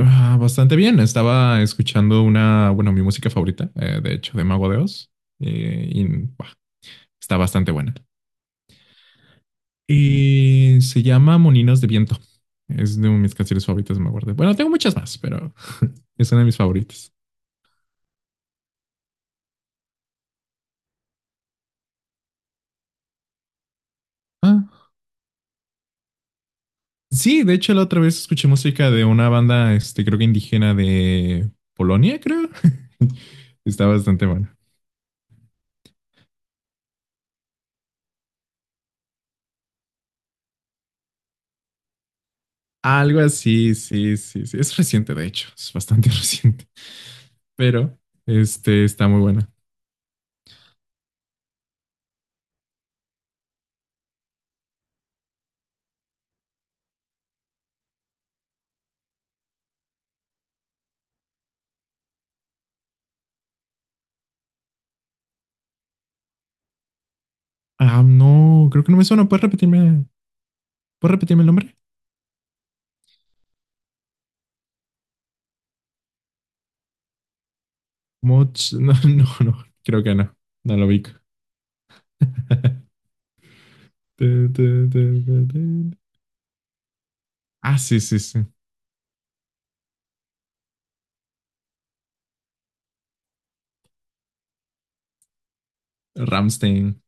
Ah, bastante bien. Estaba escuchando una, bueno, mi música favorita, de hecho, de Mago de Oz. Buah, está bastante buena. Y se llama Moninos de Viento. Es de mis canciones favoritas, me acuerdo. Bueno, tengo muchas más, pero es una de mis favoritas. Ah, sí, de hecho, la otra vez escuché música de una banda, este, creo que indígena de Polonia, creo. Está bastante buena. Algo así, sí, sí, sí. Es reciente, de hecho. Es bastante reciente. Pero, este, está muy buena. Ah, no, creo que no me suena. ¿Puedes repetirme el nombre? Moch, no, no, no, creo que no. No lo ubico. Tu, tu, tu, tu, tu. Ah, sí, sí, sí. Rammstein.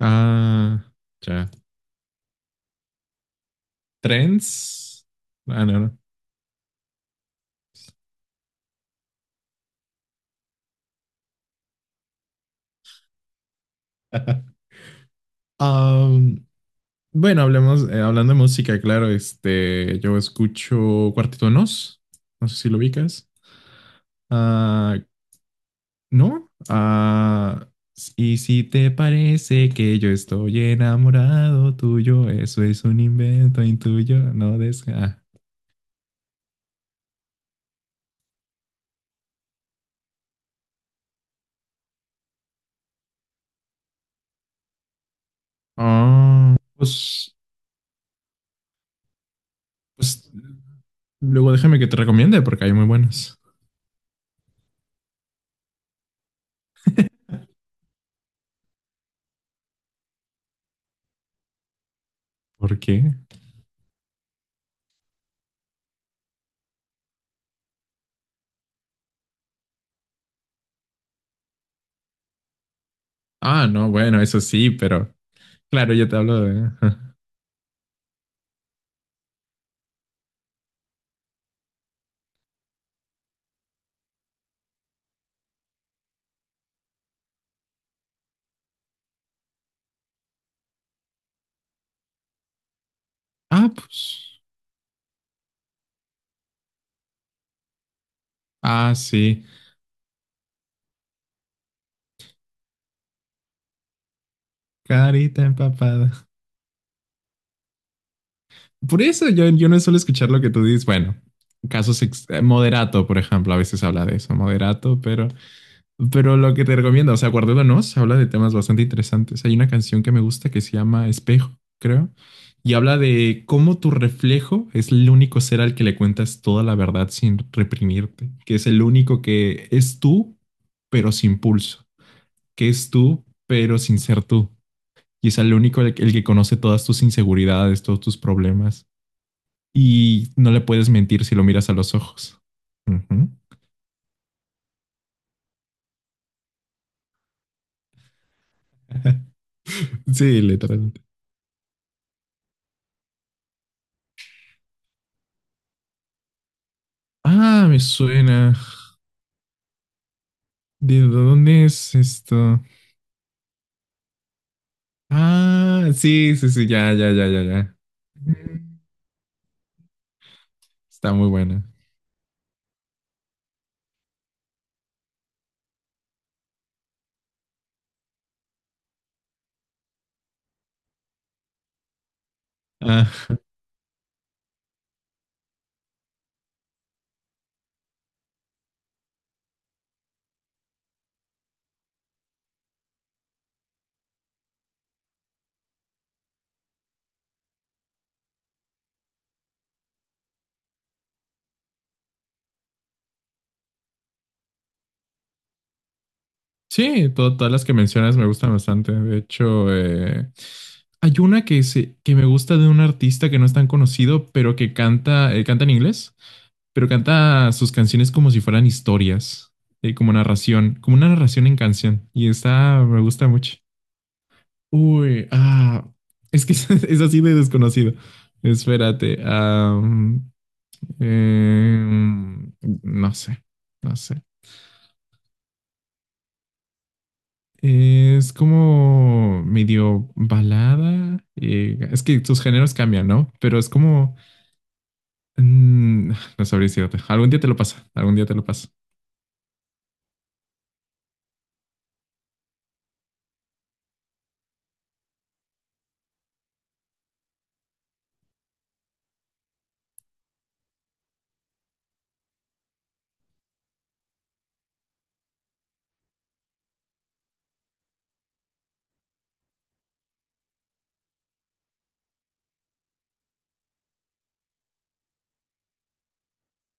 Ah, ya. Trends. Ah, no, no. Am, bueno, hablemos, hablando de música, claro, este, yo escucho Cuarteto de Nos. No sé si lo ubicas. Ah, ¿no? Ah, y si te parece que yo estoy enamorado tuyo, eso es un invento intuyo, no desga. Ah, ah, pues, pues luego déjame que te recomiende porque hay muy buenos. ¿Por qué? Ah, no, bueno, eso sí, pero claro, yo te hablo de Ah, pues. Ah, sí. Carita empapada. Por eso yo no suelo escuchar lo que tú dices. Bueno, moderato, por ejemplo, a veces habla de eso, moderato, pero... Pero lo que te recomiendo, o sea, Guardiola Nos habla de temas bastante interesantes. Hay una canción que me gusta que se llama Espejo, creo, y habla de cómo tu reflejo es el único ser al que le cuentas toda la verdad sin reprimirte, que es el único que es tú, pero sin pulso, que es tú, pero sin ser tú, y es el único el que conoce todas tus inseguridades, todos tus problemas, y no le puedes mentir si lo miras a los ojos. Ujú. Sí, literalmente. Ah, me suena. ¿De dónde es esto? Ah, sí, sí, sí, ya, ya, ya, ya, ya. Mm, está muy buena. Ah, sí, todas las que mencionas me gustan bastante. De hecho, hay una que, se, que me gusta de un artista que no es tan conocido, pero que canta, canta en inglés, pero canta sus canciones como si fueran historias, como narración, como una narración en canción. Y esta me gusta mucho. Uy, ah, es que es, así de desconocido. Espérate, em, no sé, no sé. Es como medio balada. Es que sus géneros cambian, ¿no? Pero es como, mm, no sabría decirte. Algún día te lo pasa, algún día te lo pasa.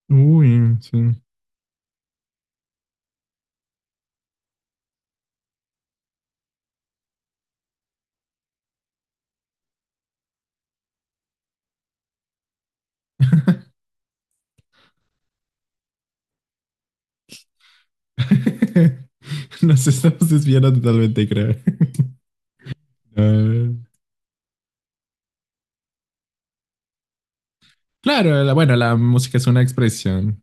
Uy, sí. Nos estamos desviando totalmente, creo. Ah, claro, bueno, la música es una expresión.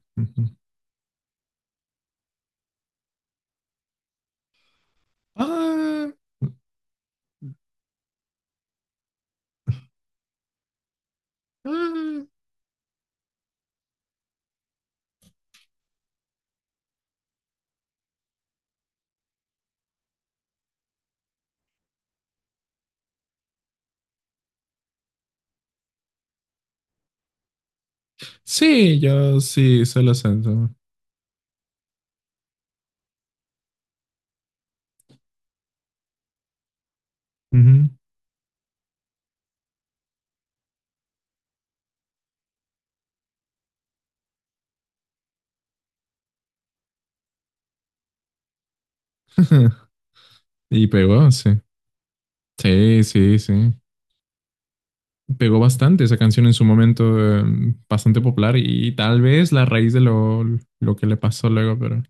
Ah, ah. Sí, yo sí, solo siento. Ujú. Y pegó, sí. Sí, sí, sí. Pegó bastante esa canción en su momento, bastante popular y tal vez la raíz de lo que le pasó luego, pero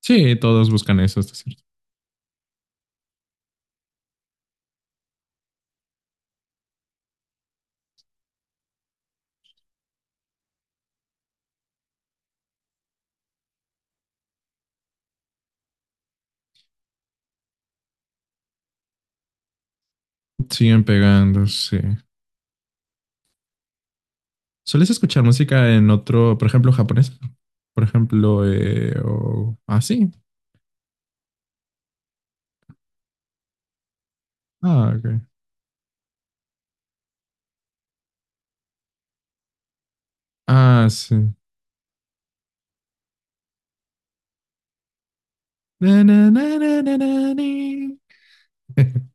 sí, todos buscan eso, esto es cierto. Siguen pegando, sí. ¿Sueles escuchar música en otro, por ejemplo, japonés? Por ejemplo, o... Ah, sí. Ah, ok. Ah, sí. Na, na, na, na, na, na, ni.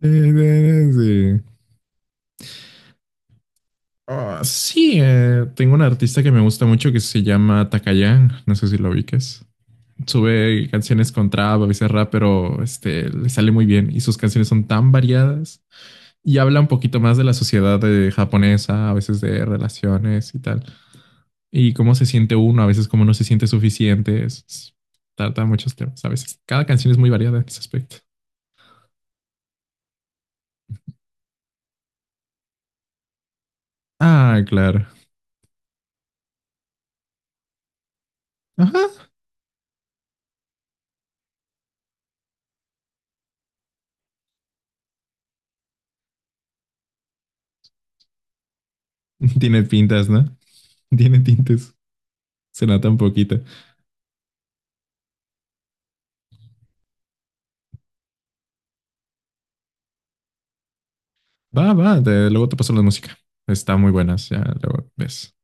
Sí, ah, sí, tengo un artista que me gusta mucho que se llama Takayan. No sé si lo ubiques. Sube canciones con trap, a veces rap, pero este, le sale muy bien. Y sus canciones son tan variadas y habla un poquito más de la sociedad japonesa, a veces de relaciones y tal. Y cómo se siente uno, a veces cómo no se siente suficiente. Trata muchos temas, a veces. Cada canción es muy variada en ese aspecto. Ah, claro. Ajá. Tiene pintas, ¿no? Tiene tintes. Suena tan poquita. Va, va, luego te paso la música. Está muy buenas, ya luego ves.